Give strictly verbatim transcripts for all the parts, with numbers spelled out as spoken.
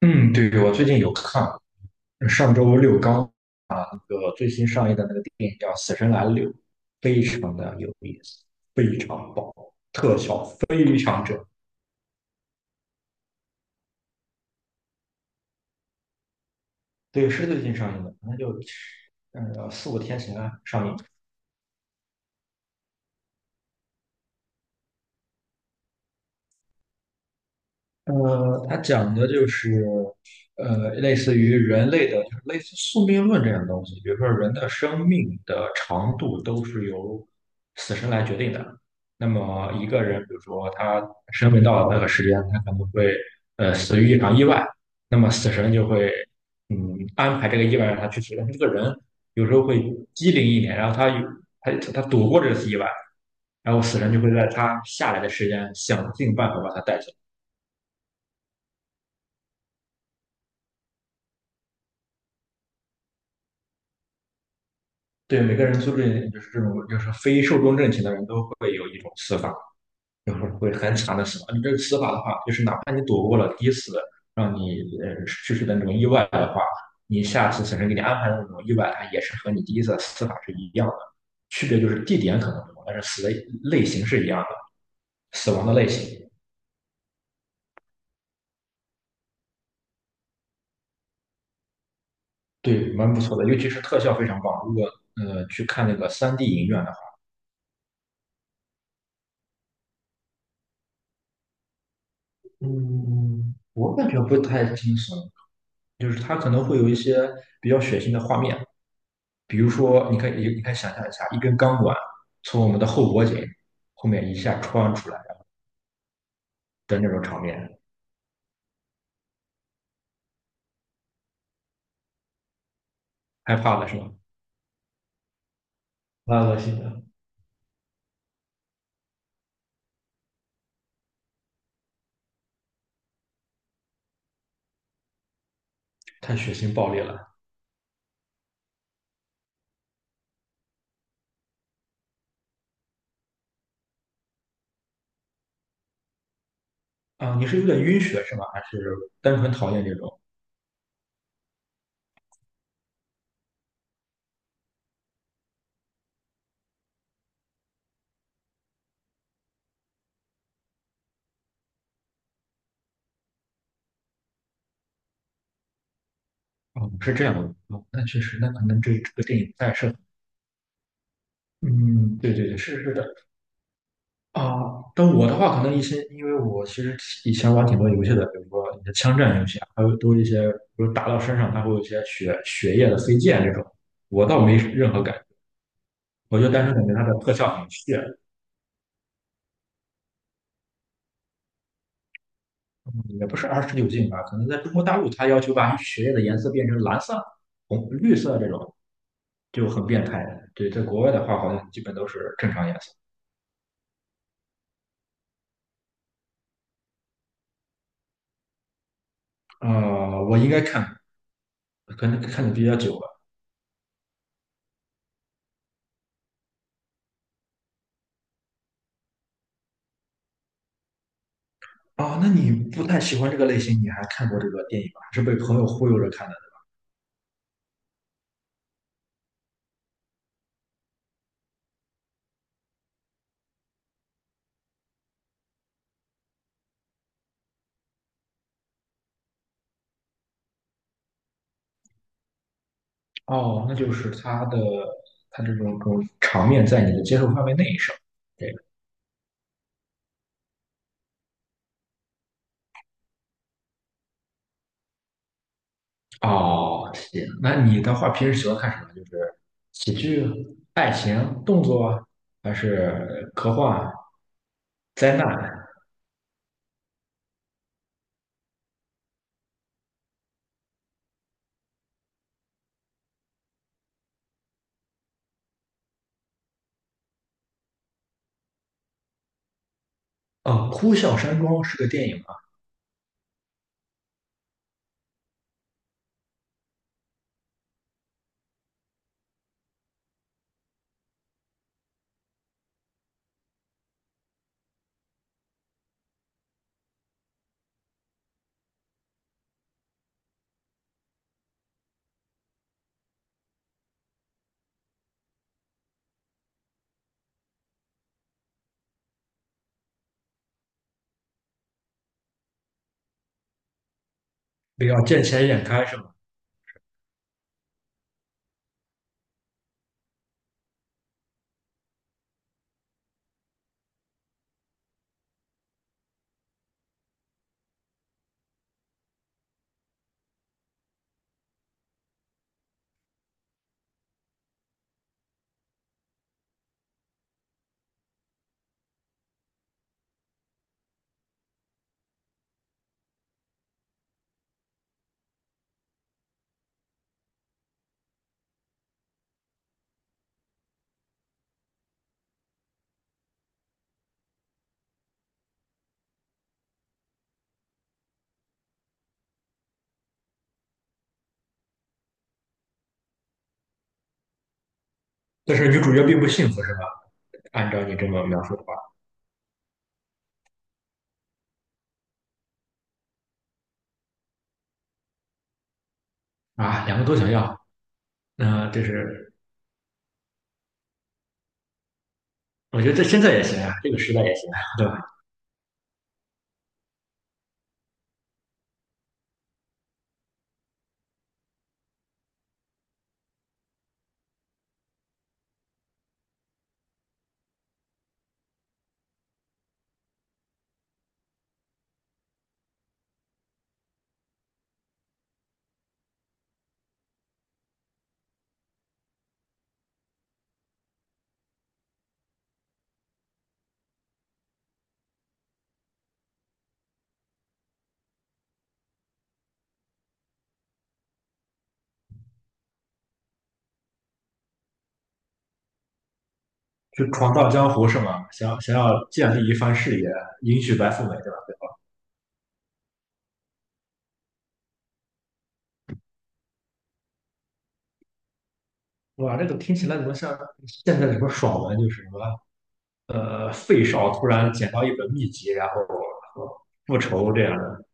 嗯，对，我最近有看，上周六刚啊那个最新上映的那个电影叫《死神来了》，非常的有意思，非常棒，特效非常正。对，是最近上映的，那就呃四五天前啊上映。呃，它讲的就是，呃，类似于人类的，就是类似宿命论这样的东西。比如说，人的生命的长度都是由死神来决定的。那么，一个人，比如说他生命到了那个时间，他可能会呃死于一场意外，那么死神就会嗯安排这个意外让他去死。但是这个人有时候会机灵一点，然后他有他他躲过这次意外，然后死神就会在他下来的时间想尽办法把他带走。对，每个人素质就是这种，就是非寿终正寝的人都会有一种死法，就是会很惨的死法。你这个死法的话，就是哪怕你躲过了第一次让你呃去世的那种意外的话，你下次死神给你安排的那种意外，它也是和你第一次死法是一样的，区别就是地点可能不同，但是死的类型是一样的，死亡的类型。对，蛮不错的，尤其是特效非常棒。如果呃去看那个三 d 影院的话，嗯，我感觉不太惊悚，就是它可能会有一些比较血腥的画面。比如说，你可以你可以想象一下，一根钢管从我们的后脖颈后面一下穿出来的那种场面，害怕了是吗？蛮恶心的。太血腥暴力了啊！你是有点晕血是吗？还是单纯讨厌这种？哦，是这样的。哦，那确实，那可能这这个电影不太适合。嗯，对对对，是是的。啊，但我的话可能一些，因为我其实以前玩挺多游戏的，比如说你的枪战游戏啊，还有都一些，比如打到身上它会有一些血血液的飞溅这种，我倒没任何感觉，我就单纯感觉它的特效很炫，也不是二十九禁吧，可能在中国大陆它要求把血液的颜色变成蓝色、红、绿色这种，就很变态。对，在国外的话好像基本都是正常颜色。呃，我应该看，可能看的比较久了，哦，那你不太喜欢这个类型，你还看过这个电影吗？还是被朋友忽悠着看的？哦，那就是他的他这种这种场面在你的接受范围内是吧？对。哦，行。那你的话平时喜欢看什么？就是喜剧、爱情、动作啊，还是科幻、灾难？哦，《呼啸山庄》是个电影啊。比较见钱眼开是吗？但是女主角并不幸福是吧？按照你这么描述的话，啊，两个都想要。那这是我觉得这现在也行啊，这个时代也行啊，对吧？就闯荡江湖是吗？想要想要建立一番事业，迎娶白富美，对吧？对吧。哇，这个听起来怎么像现在什么爽文，就是什么呃，费少突然捡到一本秘籍，然后复仇这样的，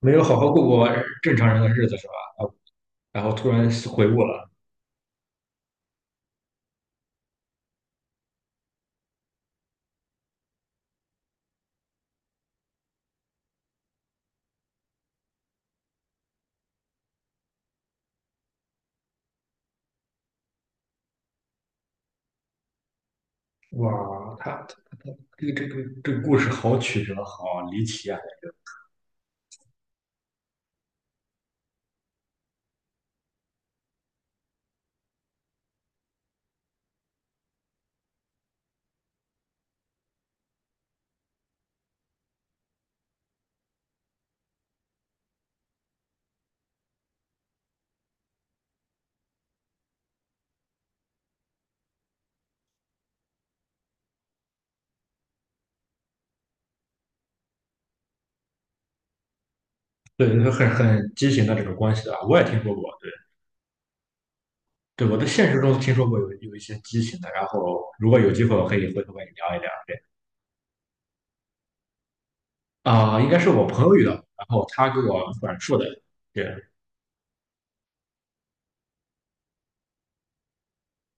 没有好好过过正常人的日子是吧？啊，然后突然悔悟了。哇，他他他这个这个这个故事好曲折，好离奇啊！对，很很畸形的这种关系啊，我也听说过，对。对，我在现实中听说过有有一些畸形的，然后如果有机会，我可以回头跟你聊一聊。对，啊，应该是我朋友遇到的，然后他给我转述的。对，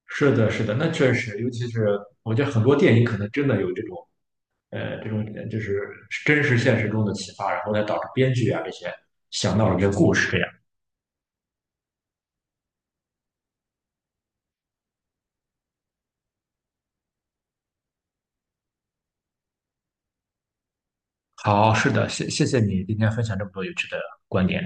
是的，是的，那确实，尤其是我觉得很多电影可能真的有这种，呃，这种呃就是真实现实中的启发，然后再导致编剧啊这些想到了一个故事这样。好，是的，谢谢谢你今天分享这么多有趣的观点。